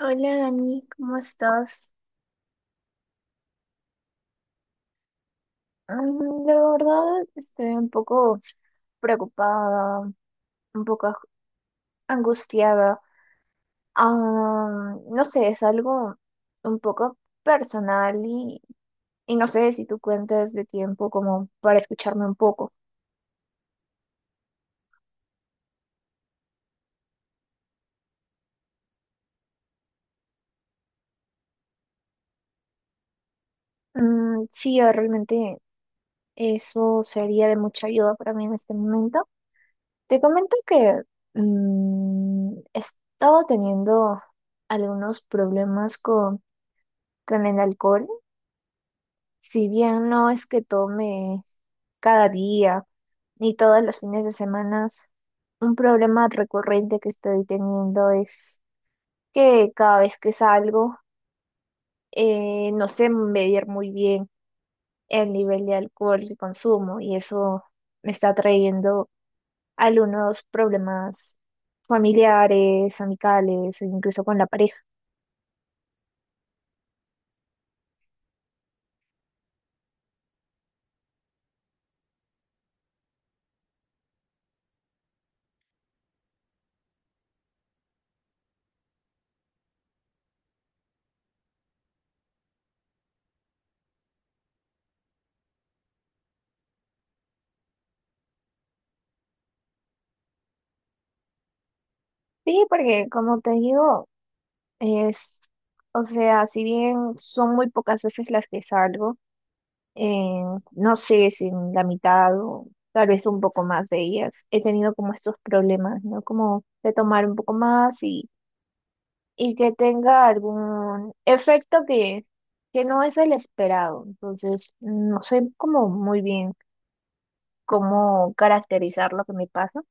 Hola Dani, ¿cómo estás? La verdad estoy un poco preocupada, un poco angustiada. Ah, no sé, es algo un poco personal y no sé si tú cuentas de tiempo como para escucharme un poco. Mm, sí, realmente eso sería de mucha ayuda para mí en este momento. Te comento que he estado teniendo algunos problemas con el alcohol. Si bien no es que tome cada día ni todos los fines de semana, un problema recurrente que estoy teniendo es que cada vez que salgo no sé medir muy bien el nivel de alcohol que consumo y eso me está trayendo algunos problemas familiares, amicales, o incluso con la pareja. Sí, porque como te digo, es, o sea, si bien son muy pocas veces las que salgo, eh, no sé si en la mitad o tal vez un poco más de ellas, he tenido como estos problemas, ¿no? Como de tomar un poco más y que tenga algún efecto que no es el esperado. Entonces, no sé como muy bien cómo caracterizar lo que me pasa.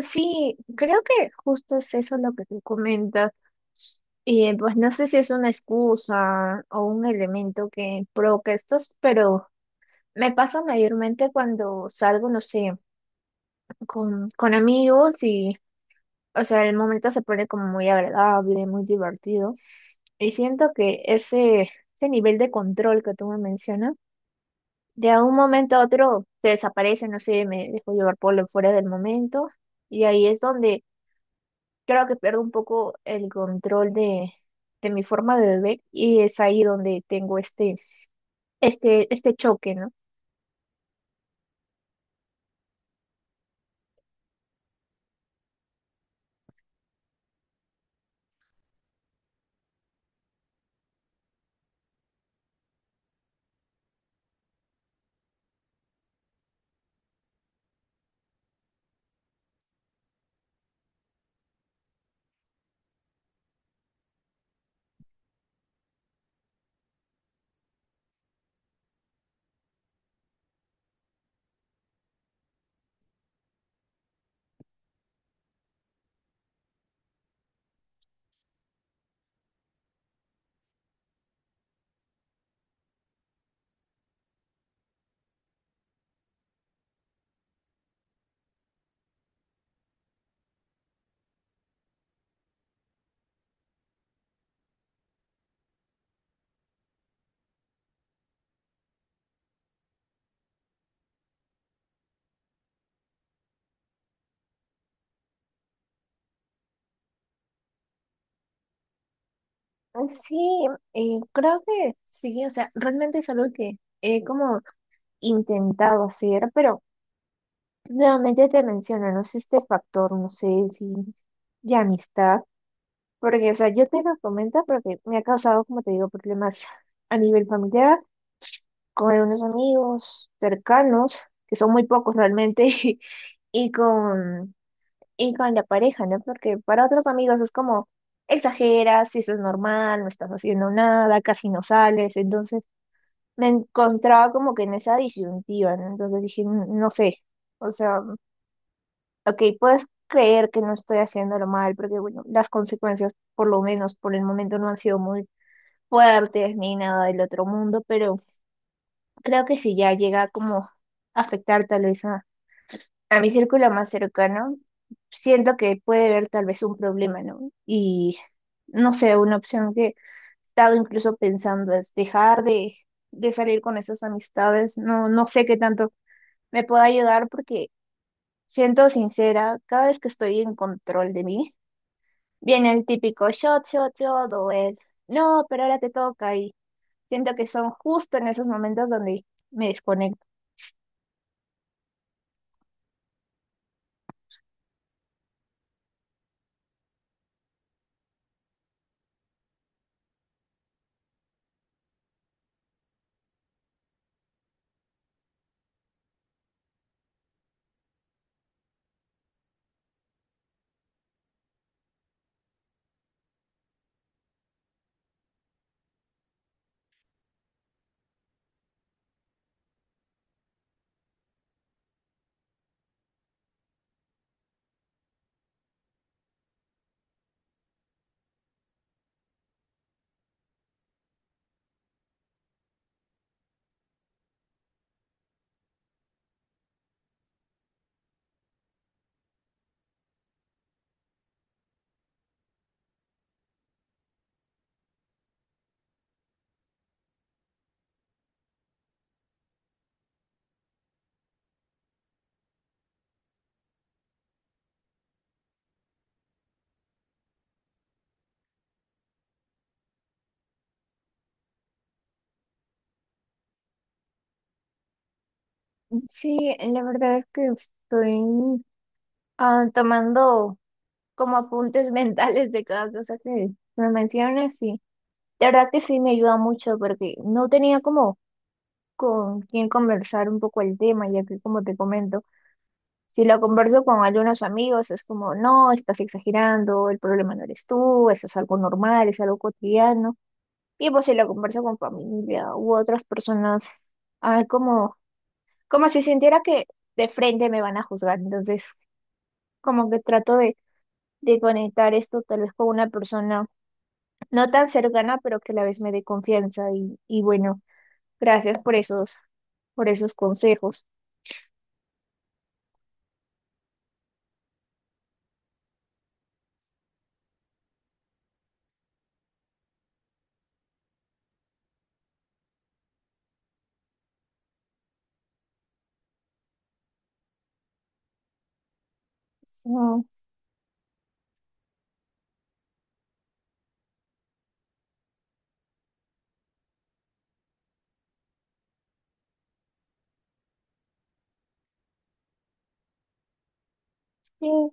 Sí, creo que justo es eso lo que tú comentas. Y pues no sé si es una excusa o un elemento que provoca estos, pero me pasa mayormente cuando salgo, no sé, con amigos y, o sea, el momento se pone como muy agradable, muy divertido. Y siento que ese nivel de control que tú me mencionas, de un momento a otro se desaparece, no sé, me dejo llevar por lo fuera del momento. Y ahí es donde creo que pierdo un poco el control de mi forma de beber y es ahí donde tengo este choque, ¿no? Sí, creo que sí, o sea, realmente es algo que he como intentado hacer, pero nuevamente te menciono, no sé, este factor, no sé si de amistad, porque, o sea, yo te lo comento porque me ha causado, como te digo, problemas a nivel familiar, con unos amigos cercanos, que son muy pocos realmente, y y con la pareja, ¿no? Porque para otros amigos es como exageras, si eso es normal, no estás haciendo nada, casi no sales, entonces me encontraba como que en esa disyuntiva, ¿no? Entonces dije, no sé, o sea, ok, puedes creer que no estoy haciéndolo mal, porque bueno, las consecuencias, por lo menos por el momento, no han sido muy fuertes ni nada del otro mundo, pero creo que si ya llega como a afectar tal vez a mi círculo más cercano, siento que puede haber tal vez un problema, ¿no? Y no sé, una opción que he estado incluso pensando es dejar de salir con esas amistades, no, no sé qué tanto me pueda ayudar porque, siento sincera, cada vez que estoy en control de mí, viene el típico shot, shot, shot o el no, pero ahora te toca y siento que son justo en esos momentos donde me desconecto. Sí, la verdad es que estoy tomando como apuntes mentales de cada cosa que me mencionas y la verdad que sí me ayuda mucho porque no tenía como con quién conversar un poco el tema, ya que como te comento, si lo converso con algunos amigos, es como, no, estás exagerando, el problema no eres tú, eso es algo normal, es algo cotidiano. Y pues si lo converso con familia u otras personas, ah, como, como si sintiera que de frente me van a juzgar. Entonces, como que trato de conectar esto tal vez con una persona no tan cercana, pero que a la vez me dé confianza. Y bueno, gracias por esos consejos. Sí, sí,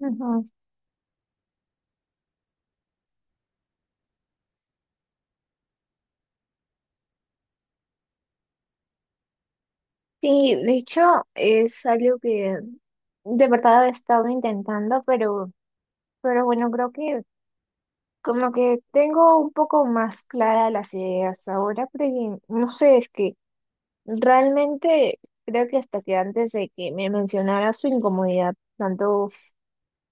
ujú. Sí, de hecho es algo que de verdad he estado intentando, pero bueno, creo que como que tengo un poco más clara las ideas ahora, porque no sé, es que realmente creo que hasta que antes de que me mencionara su incomodidad, tanto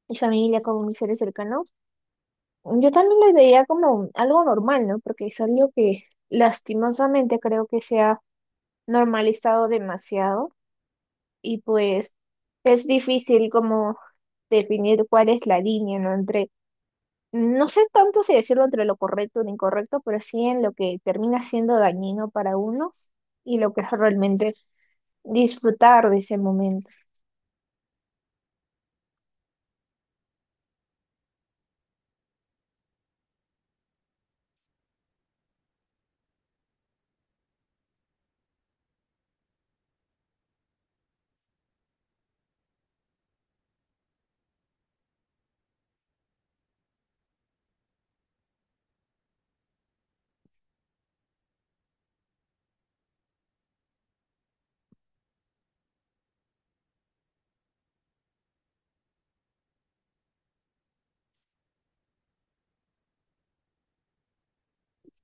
mi familia como mis seres cercanos, yo también lo veía como algo normal, ¿no? Porque es algo que lastimosamente creo que se ha normalizado demasiado y pues es difícil como definir cuál es la línea, ¿no? Entre, no sé tanto si decirlo entre lo correcto o lo incorrecto, pero sí en lo que termina siendo dañino para uno y lo que es realmente disfrutar de ese momento.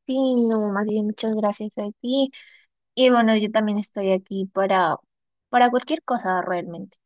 Sí, no, más bien muchas gracias a ti. Y bueno, yo también estoy aquí para, cualquier cosa realmente.